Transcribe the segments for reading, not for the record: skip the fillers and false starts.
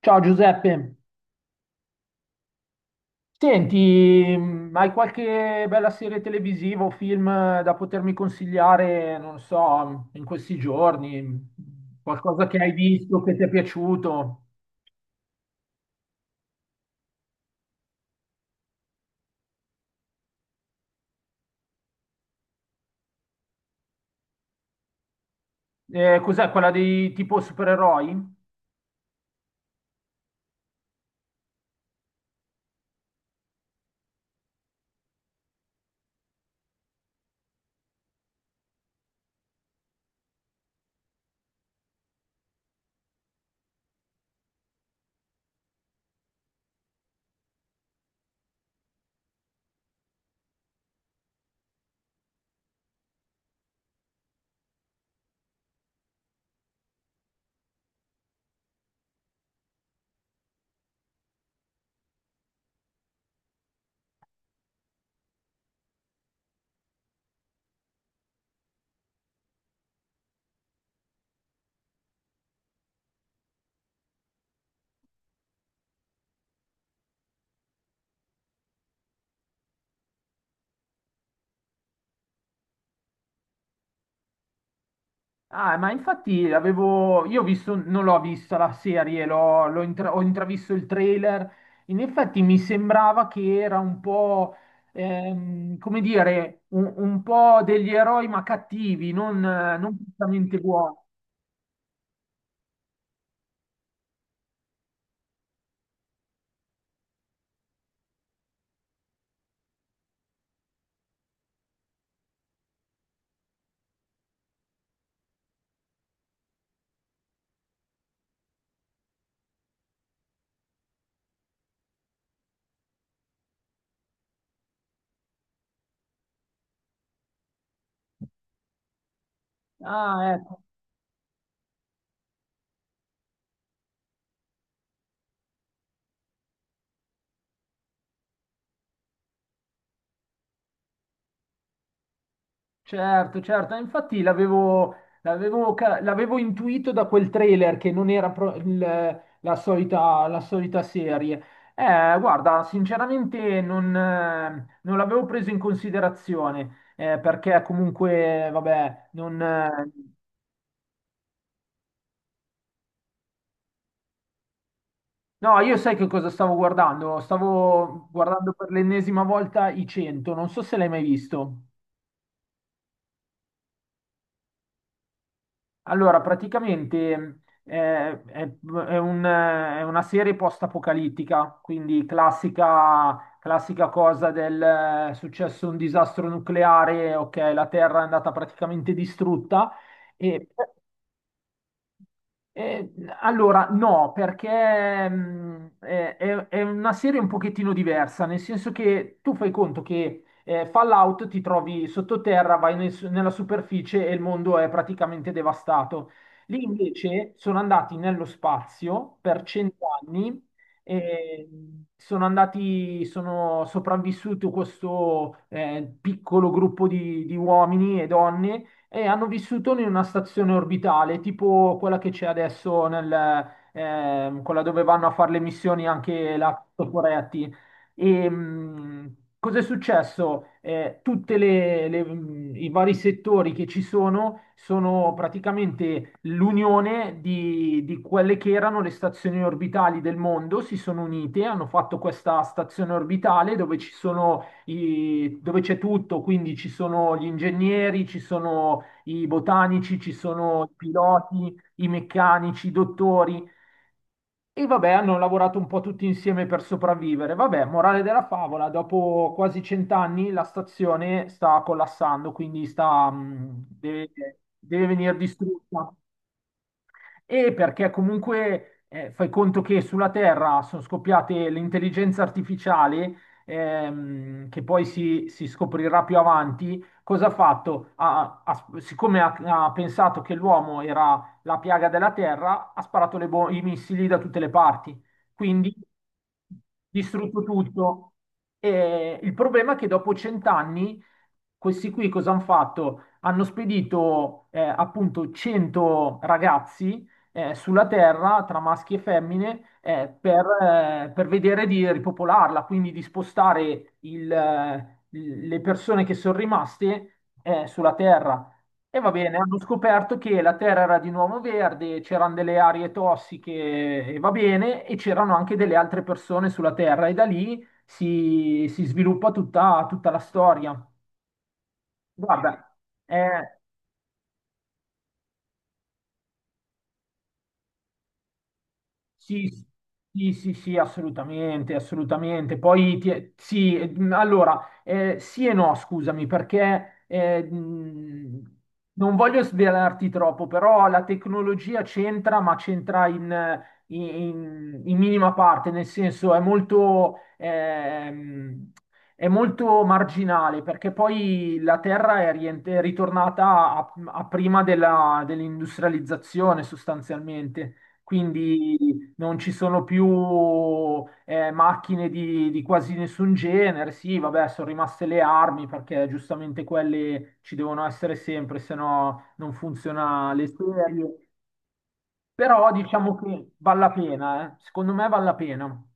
Ciao Giuseppe, senti, hai qualche bella serie televisiva o film da potermi consigliare, non so, in questi giorni? Qualcosa che hai visto che ti è piaciuto? Cos'è quella dei tipo supereroi? Ah, ma infatti avevo, io ho visto, non l'ho vista la serie, ho intravisto il trailer. In effetti mi sembrava che era un po', come dire, un po' degli eroi ma cattivi, non, non prettamente buoni. Ah, ecco. Certo, certo, infatti l'avevo intuito da quel trailer che non era la solita serie. Guarda, sinceramente non l'avevo preso in considerazione, perché comunque, vabbè, non... no, io sai che cosa stavo guardando? Stavo guardando per l'ennesima volta i 100, non so se l'hai mai visto. Allora, praticamente è è una serie post-apocalittica, quindi classica, classica cosa del è successo un disastro nucleare, ok, la Terra è andata praticamente distrutta, e, eh, no, perché è una serie un pochettino diversa, nel senso che tu fai conto che Fallout ti trovi sottoterra, vai nella superficie e il mondo è praticamente devastato. Lì invece sono andati nello spazio per cent'anni e sono andati, sono sopravvissuto questo piccolo gruppo di uomini e donne e hanno vissuto in una stazione orbitale, tipo quella che c'è adesso nel, quella dove vanno a fare le missioni anche la Toporetti. E cosa è successo? Tutti i vari settori che ci sono sono praticamente l'unione di quelle che erano le stazioni orbitali del mondo, si sono unite, hanno fatto questa stazione orbitale dove ci sono dove c'è tutto, quindi ci sono gli ingegneri, ci sono i botanici, ci sono i piloti, i meccanici, i dottori. E vabbè, hanno lavorato un po' tutti insieme per sopravvivere. Vabbè, morale della favola, dopo quasi cent'anni la stazione sta collassando, quindi sta, deve, deve venire distrutta e perché comunque fai conto che sulla Terra sono scoppiate l'intelligenza artificiale, che poi si scoprirà più avanti, cosa ha fatto? Siccome ha pensato che l'uomo era la piaga della Terra, ha sparato le i missili da tutte le parti, quindi distrutto tutto. E il problema è che dopo cent'anni questi qui cosa hanno fatto? Hanno spedito appunto 100 ragazzi sulla Terra tra maschi e femmine per vedere di ripopolarla, quindi di spostare le persone che sono rimaste sulla Terra. E va bene, hanno scoperto che la Terra era di nuovo verde, c'erano delle aree tossiche e va bene, e c'erano anche delle altre persone sulla Terra e da lì si sviluppa tutta, tutta la storia. Guarda, è, sì, sì, sì, sì, assolutamente, assolutamente. Sì, sì e no, scusami, perché non voglio svelarti troppo, però la tecnologia c'entra, ma c'entra in, in minima parte, nel senso è molto marginale, perché poi la Terra è, è ritornata a, a prima dell'industrializzazione sostanzialmente. Quindi non ci sono più macchine di quasi nessun genere. Sì, vabbè, sono rimaste le armi perché giustamente quelle ci devono essere sempre, se no non funziona le serie. Però diciamo che vale la pena, eh. Secondo me vale la pena.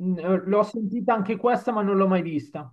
L'ho sentita anche questa, ma non l'ho mai vista.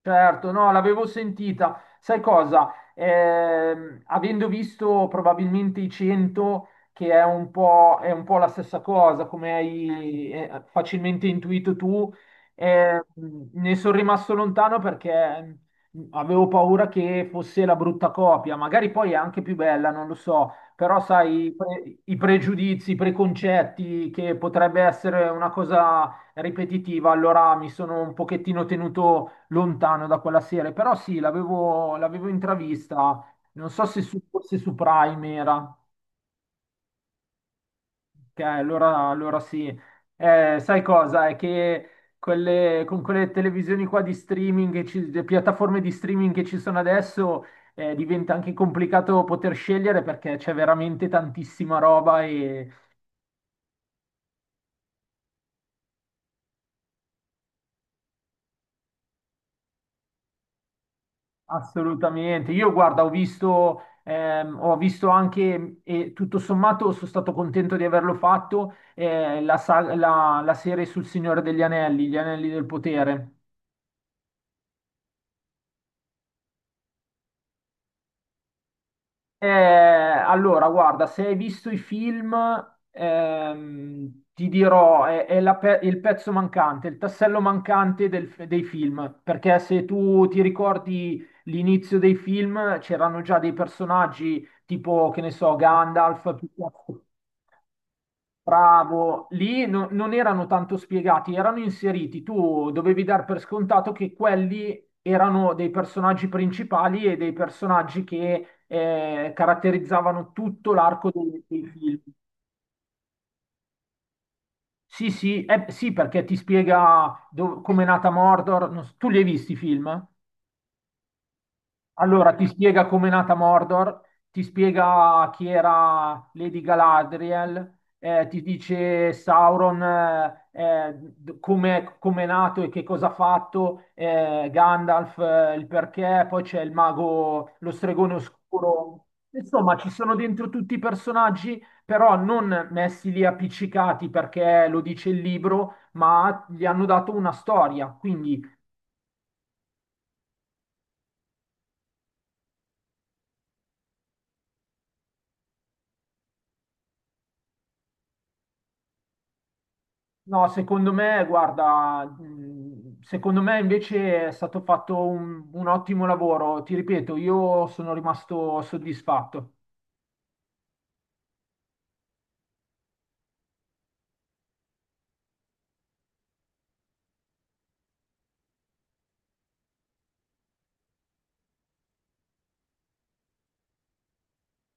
Certo, no, l'avevo sentita. Sai cosa? Avendo visto probabilmente i 100, che è un po' la stessa cosa, come hai facilmente intuito tu, eh, ne sono rimasto lontano perché avevo paura che fosse la brutta copia. Magari poi è anche più bella, non lo so, però sai, i pregiudizi, i preconcetti, che potrebbe essere una cosa ripetitiva, allora mi sono un pochettino tenuto lontano da quella serie, però sì, l'avevo intravista, non so se su, fosse su Prime era, che allora, allora sì. Sai cosa? È che con quelle televisioni qua di streaming, le piattaforme di streaming che ci sono adesso, diventa anche complicato poter scegliere perché c'è veramente tantissima roba. Assolutamente. Io guarda, ho visto anche, e tutto sommato sono stato contento di averlo fatto, la serie sul Signore degli Anelli, gli Anelli del Potere. Allora, guarda, se hai visto i film, ti dirò, è il pezzo mancante, il tassello mancante dei film, perché se tu ti ricordi l'inizio dei film, c'erano già dei personaggi tipo, che ne so, Gandalf, piuttosto- Bravo, lì non erano tanto spiegati, erano inseriti. Tu dovevi dar per scontato che quelli erano dei personaggi principali e dei personaggi che caratterizzavano tutto l'arco dei, dei film. Sì, sì, sì, perché ti spiega come è nata Mordor. Non so- Tu li hai visti i film? Allora, ti spiega com'è nata Mordor, ti spiega chi era Lady Galadriel, ti dice Sauron com'è, com'è nato e che cosa ha fatto, Gandalf il perché, poi c'è il mago, lo stregone oscuro. Insomma, ci sono dentro tutti i personaggi, però non messi lì appiccicati perché lo dice il libro, ma gli hanno dato una storia, quindi no, secondo me, guarda, secondo me invece è stato fatto un ottimo lavoro. Ti ripeto, io sono rimasto soddisfatto.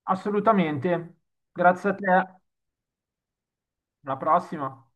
Assolutamente. Grazie a te. Alla prossima.